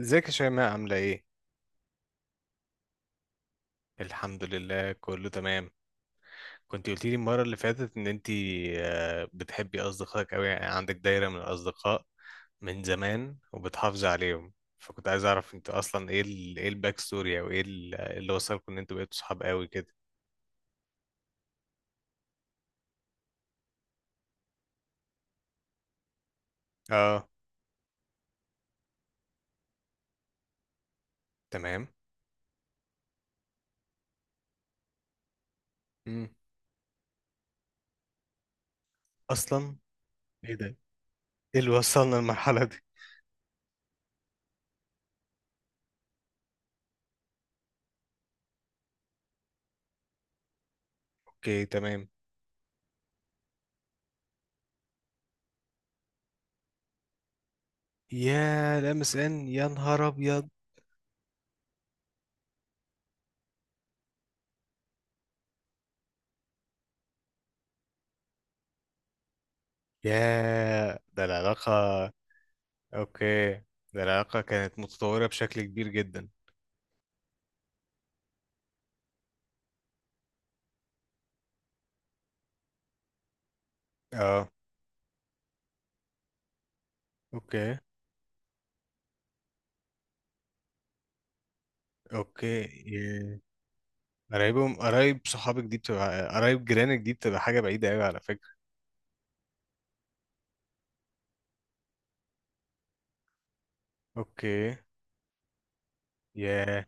ازيك يا شيماء عاملة ايه؟ الحمد لله كله تمام. كنت قلتي لي المرة اللي فاتت ان انتي، بتحبي اصدقائك اوي، يعني عندك دايرة من الاصدقاء من زمان وبتحافظي عليهم. فكنت عايز اعرف انت اصلا ايه الباك ستوري، او اللي وصلكم ان انتوا بقيتوا صحاب قوي كده. اه. تمام. مم. اصلا ايه ده؟ ايه اللي وصلنا للمرحلة دي؟ اوكي تمام. يا لمس ان، يا نهار ابيض. يا ده العلاقة. اوكي. ده العلاقة كانت متطورة بشكل كبير جدا. اه. اوكي. اوكي ياه. قرايبهم، قرايب صحابك دي بتبقى، قرايب جيرانك دي بتبقى حاجة بعيدة قوي على فكرة. اوكي. ياه.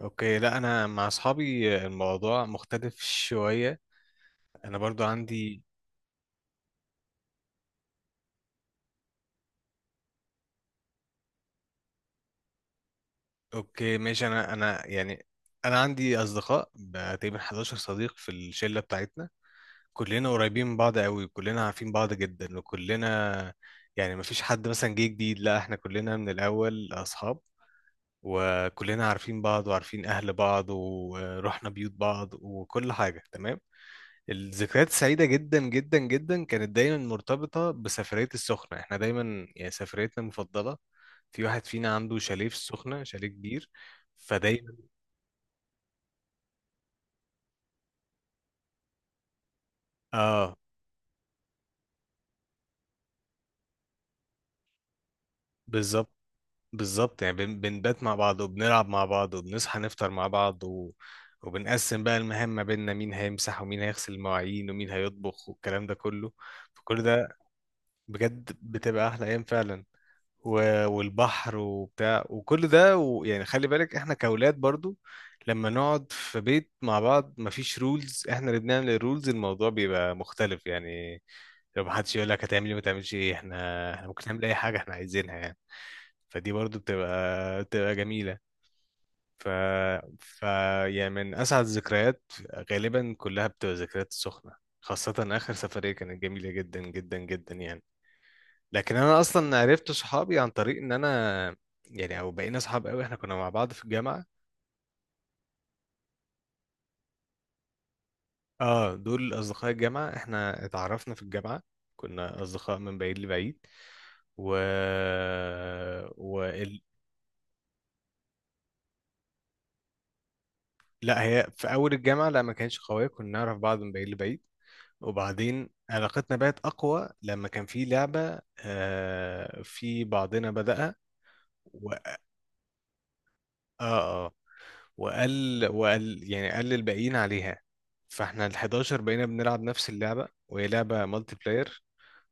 اوكي، لا انا مع اصحابي الموضوع مختلف شوية. انا برضو عندي. اوكي ماشي. انا يعني، انا عندي اصدقاء بقى تقريبا 11 صديق في الشلة بتاعتنا. كلنا قريبين من بعض قوي، كلنا عارفين بعض جدا، وكلنا يعني مفيش حد مثلا جه جديد، لا احنا كلنا من الأول أصحاب، وكلنا عارفين بعض وعارفين أهل بعض ورحنا بيوت بعض وكل حاجة تمام. الذكريات السعيدة جدا جدا جدا كانت دايما مرتبطة بسفرية السخنة، احنا دايما يعني سفريتنا المفضلة. في واحد فينا عنده شاليه في السخنة، شاليه كبير. فدايما. اه، بالظبط. بالظبط يعني بنبات مع بعض وبنلعب مع بعض وبنصحى نفطر مع بعض وبنقسم بقى المهام ما بيننا، مين هيمسح ومين هيغسل المواعين ومين هيطبخ والكلام ده كله. فكل ده بجد بتبقى أحلى أيام فعلا. والبحر وبتاع وكل ده، ويعني خلي بالك احنا كأولاد برضو، لما نقعد في بيت مع بعض مفيش رولز، احنا اللي بنعمل الرولز، الموضوع بيبقى مختلف يعني. لو محدش يقول لك هتعمل ايه ما تعملش ايه، احنا ممكن نعمل اي حاجة احنا عايزينها يعني. فدي برضو بتبقى جميلة. ف... ف يعني من أسعد الذكريات غالبا كلها بتبقى ذكريات السخنة. خاصة آخر سفرية كانت جميلة جدا جدا جدا يعني. لكن أنا أصلا عرفت صحابي عن طريق إن أنا يعني، أو بقينا صحاب قوي، إحنا كنا مع بعض في الجامعة. آه، دول أصدقاء الجامعة، إحنا اتعرفنا في الجامعة. كنا أصدقاء من بعيد لبعيد. و... و... لا هي في أول الجامعة لا ما كانش قوية، كنا نعرف بعض من بعيد لبعيد، وبعدين علاقتنا بقت أقوى لما كان في لعبة. آه، في بعضنا بدأها. و... آه. آه. وقال يعني، قال للباقيين عليها. فاحنا ال 11 بقينا بنلعب نفس اللعبة، وهي لعبة مالتي بلاير.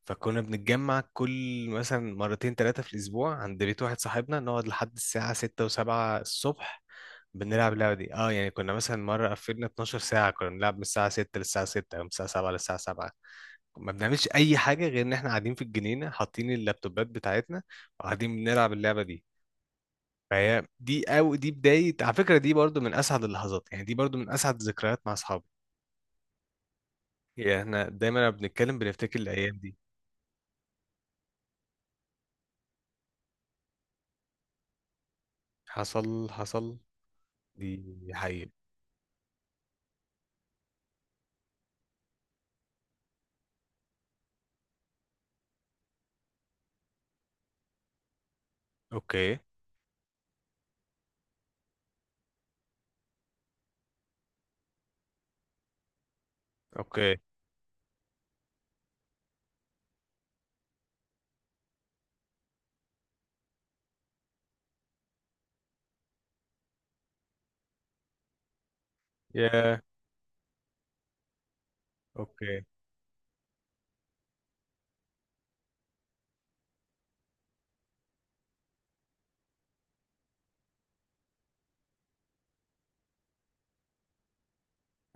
فكنا بنتجمع كل، مثلا، مرتين ثلاثة في الأسبوع عند بيت واحد صاحبنا، نقعد لحد الساعة 6 و7 الصبح بنلعب اللعبة دي. اه يعني كنا مثلا مرة قفلنا 12 ساعة، كنا بنلعب من الساعة 6 للساعة 6 أو من الساعة 7 للساعة 7، ما بنعملش اي حاجه غير ان احنا قاعدين في الجنينه، حاطين اللابتوبات بتاعتنا وقاعدين بنلعب اللعبه دي. فهي دي او دي بدايه على فكره، دي برضو من اسعد اللحظات يعني، دي برضو من اسعد الذكريات مع اصحابي. يعني احنا دايما لما بنتكلم بنفتكر الايام دي. حصل حصل، دي حقيقة. اوكي اوكي. يا. اوكي.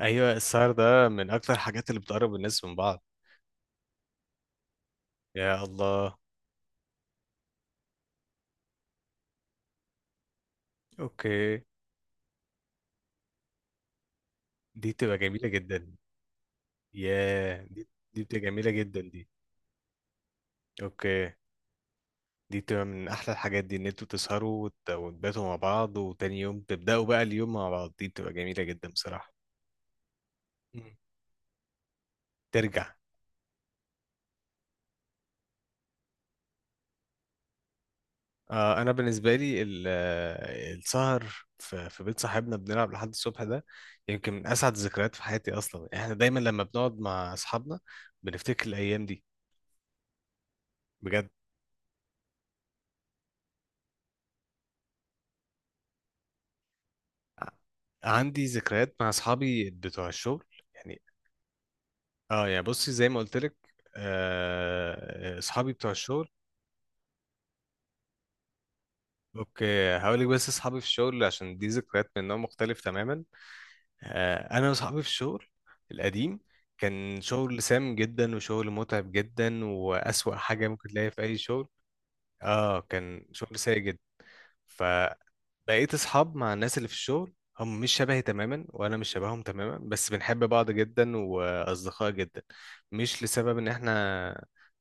ايوه، السهر ده من اكتر الحاجات اللي بتقرب الناس من بعض. يا الله. اوكي. دي بتبقى جميله جدا. يا دي، دي بتبقى جميله جدا دي. اوكي. دي بتبقى من احلى الحاجات دي، ان انتوا تسهروا وتباتوا مع بعض، وتاني يوم تبداوا بقى اليوم مع بعض. دي بتبقى جميله جدا بصراحه. مم. ترجع. آه، انا بالنسبه لي السهر في بيت صاحبنا بنلعب لحد الصبح ده، يمكن من اسعد الذكريات في حياتي اصلا. احنا دايما لما بنقعد مع اصحابنا بنفتكر الايام دي بجد. ع- عندي ذكريات مع اصحابي بتوع الشغل يعني. اه يعني، بصي زي ما قلت لك، اصحابي بتوع الشغل. اوكي هقول لك. بس اصحابي في الشغل عشان دي ذكريات من نوع مختلف تماما. انا واصحابي في الشغل القديم، كان شغل سام جدا وشغل متعب جدا، واسوأ حاجة ممكن تلاقيها في اي شغل. اه، كان شغل سيء جدا. فبقيت اصحاب مع الناس اللي في الشغل. هم مش شبهي تماما وانا مش شبههم تماما، بس بنحب بعض جدا واصدقاء جدا. مش لسبب ان احنا،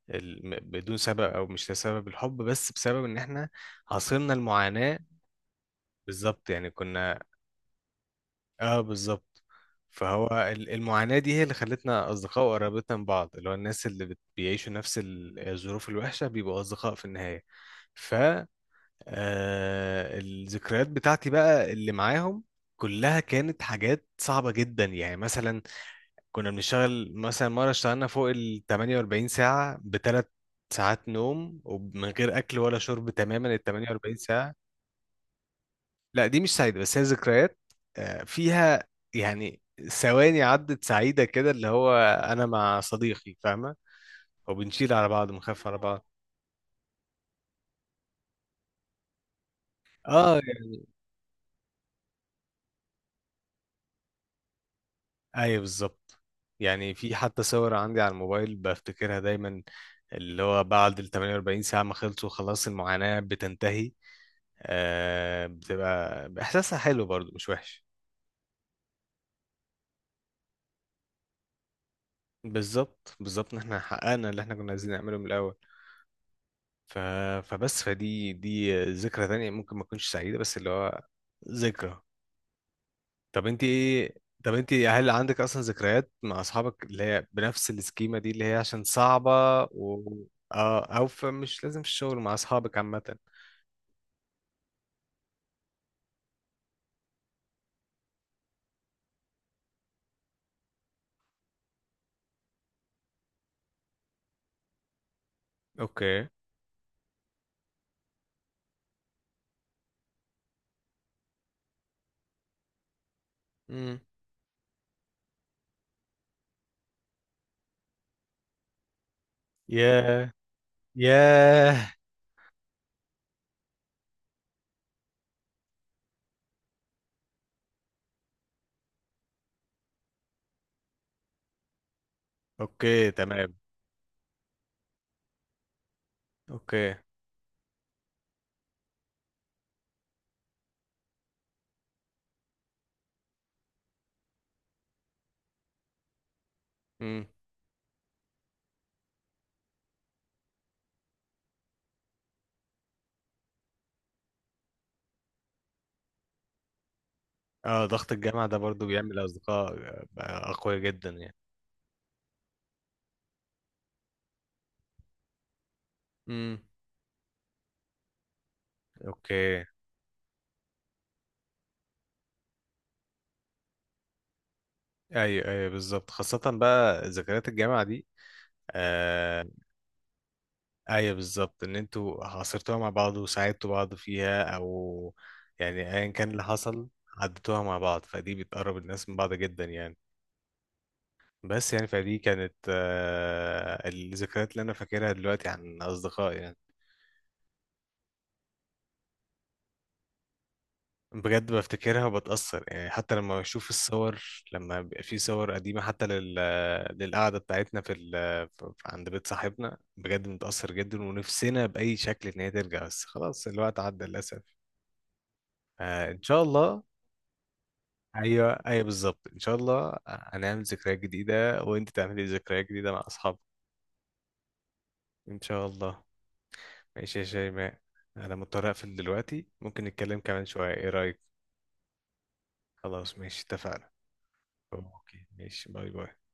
بدون سبب، او مش لسبب الحب، بس بسبب ان احنا عاصرنا المعاناة. بالظبط يعني كنا، اه بالظبط. فهو المعاناة دي هي اللي خلتنا أصدقاء وقربتنا من بعض، اللي هو الناس اللي بيعيشوا نفس الظروف الوحشة بيبقوا أصدقاء في النهاية. ف آه، الذكريات بتاعتي بقى اللي معاهم كلها كانت حاجات صعبة جدا، يعني مثلا كنا بنشتغل، مثلا مرة اشتغلنا فوق ال 48 ساعة بثلاث ساعات نوم ومن غير أكل ولا شرب تماما ال 48. لا دي مش سعيدة بس هي ذكريات فيها يعني ثواني عدت سعيدة كده، اللي هو أنا مع صديقي فاهمة، وبنشيل على بعض، بنخاف على بعض. اه يعني. أيوة بالظبط. يعني في حتى صور عندي على الموبايل بفتكرها دايما، اللي هو بعد ال 48 ساعة ما خلصوا خلاص المعاناة بتنتهي، آه بتبقى إحساسها حلو برضو مش وحش. بالظبط بالظبط، إن إحنا حققنا اللي إحنا كنا عايزين نعمله من الأول. ف... فبس دي ذكرى تانية ممكن ما تكونش سعيدة، بس اللي هو ذكرى. طب انت ايه، طب انت هل عندك اصلا ذكريات مع اصحابك اللي هي بنفس السكيمة دي اللي هي عشان صعبة؟ و... اه، او فمش لازم في الشغل، مع اصحابك عامة. اوكي. امم. ياه ياه. اوكي تمام. اوكي. امم. اه، ضغط الجامعة ده برضو بيعمل اصدقاء اقوياء جدا يعني. امم. اوكي. ايوه ايوه بالظبط، خاصة بقى ذكريات الجامعة دي. آه. ايوه بالظبط، ان انتوا عاصرتوها مع بعض وساعدتوا بعض فيها، او يعني ايا كان اللي حصل عدتوها مع بعض، فدي بتقرب الناس من بعض جدا يعني. بس يعني فدي كانت الذكريات اللي انا فاكرها دلوقتي عن اصدقائي يعني. بجد بفتكرها وبتأثر يعني، حتى لما بشوف الصور، لما بيبقى في صور قديمة، حتى للقعدة بتاعتنا عند بيت صاحبنا، بجد متأثر جدا، ونفسنا بأي شكل إن هي ترجع بس خلاص الوقت عدى للأسف. آه، ان شاء الله. ايوه ايوه بالظبط، ان شاء الله هنعمل ذكريات جديده، وانت تعملي ذكريات جديده مع اصحابك. ان شاء الله. ماشي يا شيماء، انا مضطر اقفل دلوقتي، ممكن نتكلم كمان شويه، ايه رايك؟ خلاص ماشي اتفقنا. اوكي ماشي باي باي.